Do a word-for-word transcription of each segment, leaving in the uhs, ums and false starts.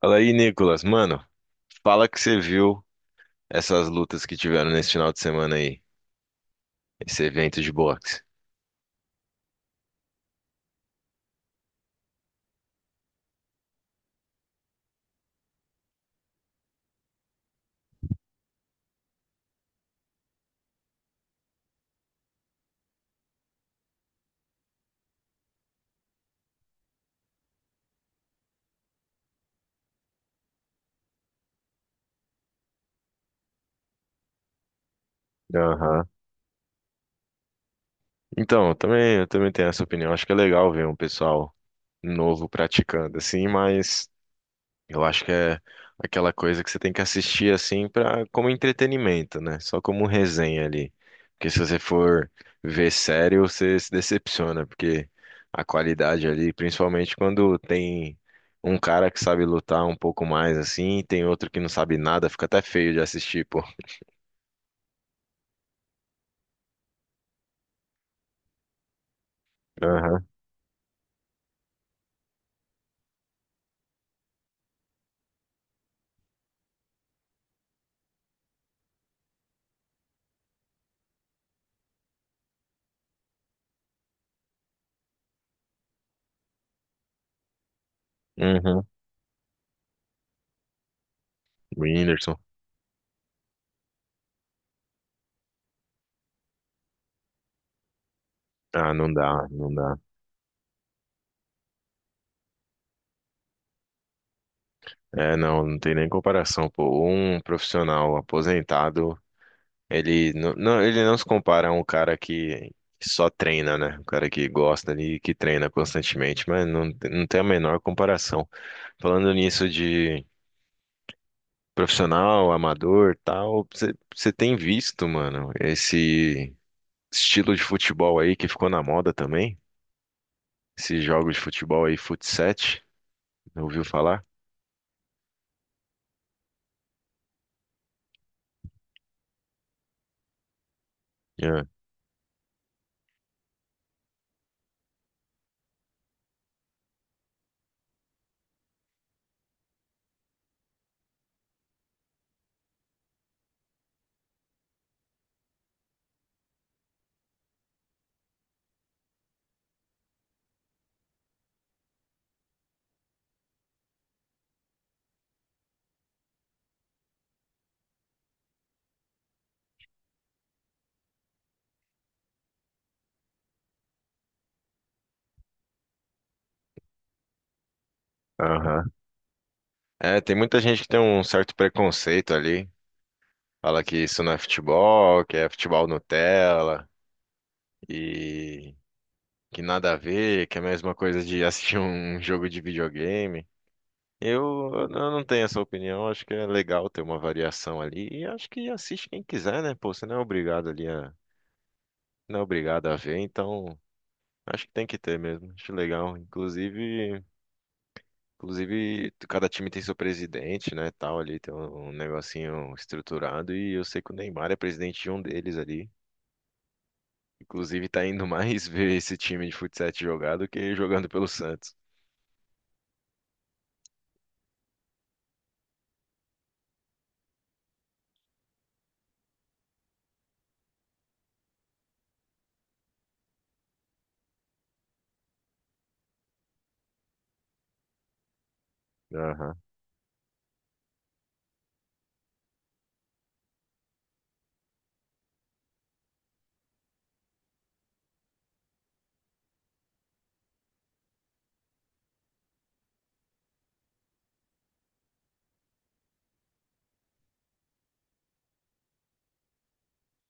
Fala aí, Nicolas. Mano, fala que você viu essas lutas que tiveram nesse final de semana aí, esse evento de boxe. Aham. Então, eu também, eu também tenho essa opinião. Acho que é legal ver um pessoal novo praticando, assim, mas Eu acho que é aquela coisa que você tem que assistir assim para como entretenimento, né? Só como resenha ali. Porque se você for ver sério, você se decepciona, porque a qualidade ali, principalmente quando tem um cara que sabe lutar um pouco mais assim, e tem outro que não sabe nada, fica até feio de assistir, pô. Aham. Uhum. Whindersson. Ah, não dá, não dá. É, não, não tem nem comparação, pô. Um profissional aposentado. Ele não, não- ele não se compara a um cara que só treina, né? Um cara que gosta ali e que treina constantemente, mas não, te- não tem a menor comparação. Falando nisso de profissional, amador, tal, você você tem visto, mano, esse estilo de futebol aí que ficou na moda também? Esses jogos de futebol aí, fut ouviu falar? Yeah. Aham. É, tem muita gente que tem um certo preconceito ali. Fala que isso não é futebol, que é futebol Nutella. E que nada a ver, que é a mesma coisa de assistir um um jogo de videogame. Eu, eu não tenho essa opinião, acho que é legal ter uma variação ali e acho que assiste quem quiser, né? Pô, você não é obrigado ali a, não é obrigado a ver, então acho que tem que ter mesmo. Acho legal, inclusive, inclusive cada time tem seu presidente, né, tal ali, tem um, um negocinho estruturado e eu sei que o Neymar é presidente de um deles ali. Inclusive tá indo mais ver esse time de futsal jogar do que jogando pelo Santos. Aham.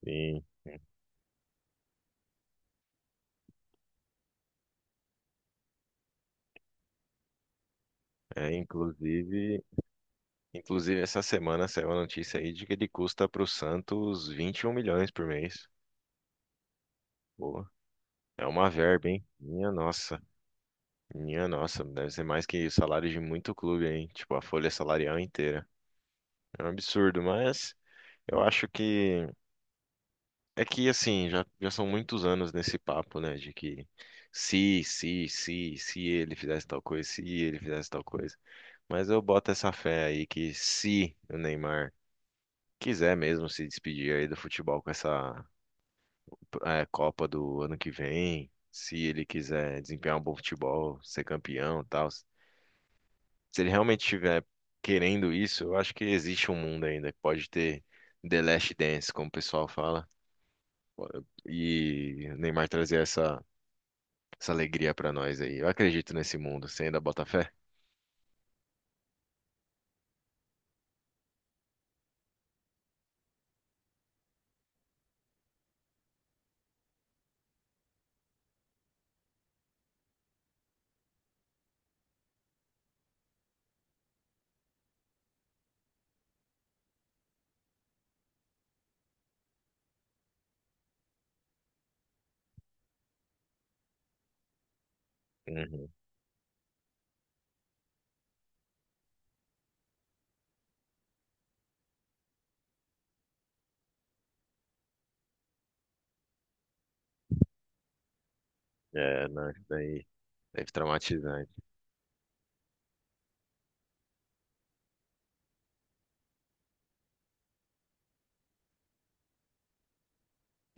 Sim. É, inclusive, inclusive essa semana saiu a notícia aí de que ele custa para o Santos vinte e um milhões por mês. Pô, é uma verba, hein? Minha nossa, minha nossa, deve ser mais que salário de muito clube, hein? Tipo, a folha salarial inteira. É um absurdo, mas eu acho que é que assim, já, já são muitos anos nesse papo, né? De que se, se, se, se ele fizesse tal coisa, se ele fizesse tal coisa. Mas eu boto essa fé aí que se o Neymar quiser mesmo se despedir aí do futebol com essa eh, Copa do ano que vem, se ele quiser desempenhar um bom futebol, ser campeão, e tal, se ele realmente estiver querendo isso, eu acho que existe um mundo ainda que pode ter The Last Dance, como o pessoal fala, e o Neymar trazer essa essa alegria pra nós aí. Eu acredito nesse mundo, você ainda bota fé? Uhum. É, não, isso daí deve traumatizar.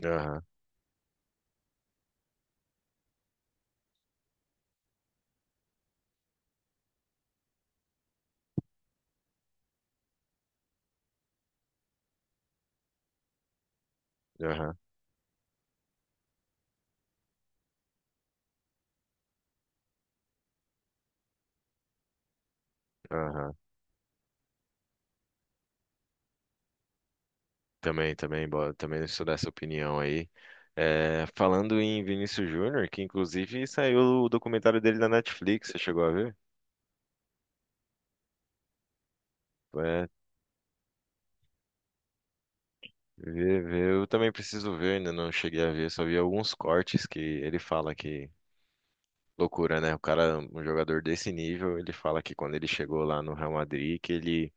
Aham, aham, aham. Também, também, bo- também sou dessa opinião aí. É, falando em Vinícius Júnior, que inclusive saiu o documentário dele na Netflix, você chegou a ver? É, vê, vê. Eu também preciso ver, ainda não cheguei a ver, só vi alguns cortes que ele fala que loucura, né? O cara, um jogador desse nível, ele fala que quando ele chegou lá no Real Madrid, que ele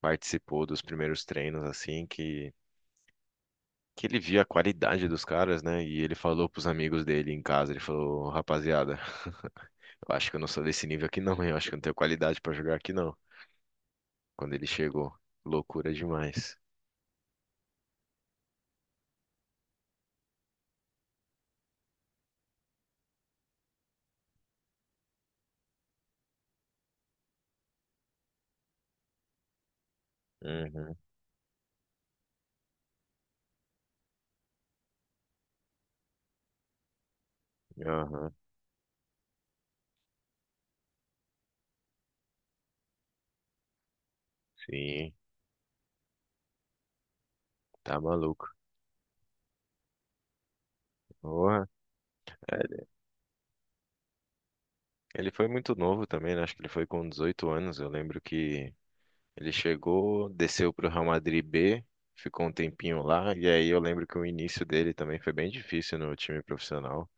participou dos primeiros treinos, assim, que, que ele via a qualidade dos caras, né? E ele falou pros amigos dele em casa, ele falou, rapaziada. Eu acho que eu não sou desse nível aqui, não, hein? Eu acho que eu não tenho qualidade pra jogar aqui, não. Quando ele chegou, loucura demais. Uhum, aham, sim, tá maluco. Porra, é, ele foi muito novo também, né? Acho que ele foi com dezoito anos. Eu lembro que ele chegou, desceu pro Real Madrid B, ficou um tempinho lá, e aí eu lembro que o início dele também foi bem difícil no time profissional.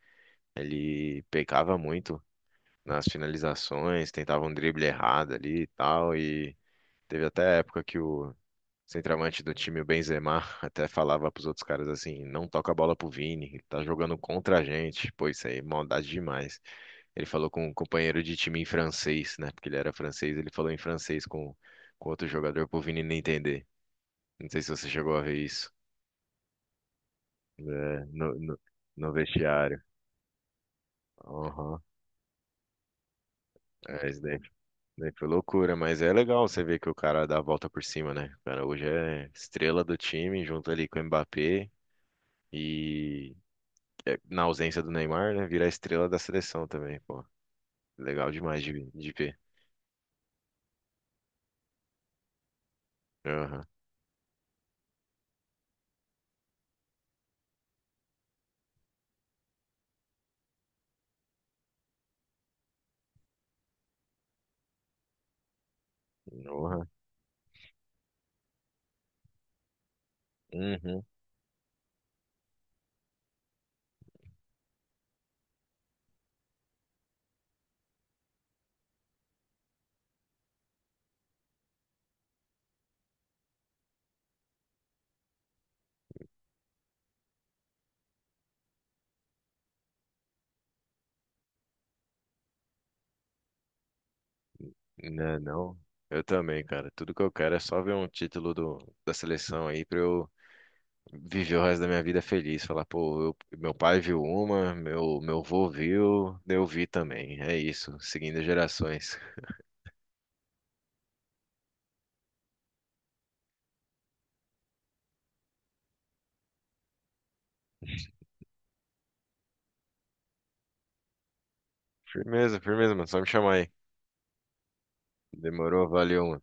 Ele pecava muito nas finalizações, tentava um drible errado ali e tal, e teve até a época que o centroavante do time, o Benzema, até falava pros outros caras assim, não toca a bola pro Vini, ele tá jogando contra a gente. Pô, isso aí é maldade demais. Ele falou com um companheiro de time em francês, né? Porque ele era francês, ele falou em francês com, com outro jogador pro Vini não entender. Não sei se você chegou a ver isso. É, no, no, no vestiário. Aham. É, isso daí, daí foi loucura, mas é legal você ver que o cara dá a volta por cima, né? O cara hoje é estrela do time, junto ali com o Mbappé. E é, na ausência do Neymar, né? Virar estrela da seleção também, pô. Legal demais de, de ver. Aham. Porra. Uhum. Né, não, eu também, cara. Tudo que eu quero é só ver um título do, da seleção aí pra eu viver o resto da minha vida feliz. Falar, pô, eu- meu pai viu uma, meu, meu vô viu, eu vi também. É isso, seguindo gerações. Firmeza, firmeza, mano. Só me chamar aí. Demorou, valeu, mano.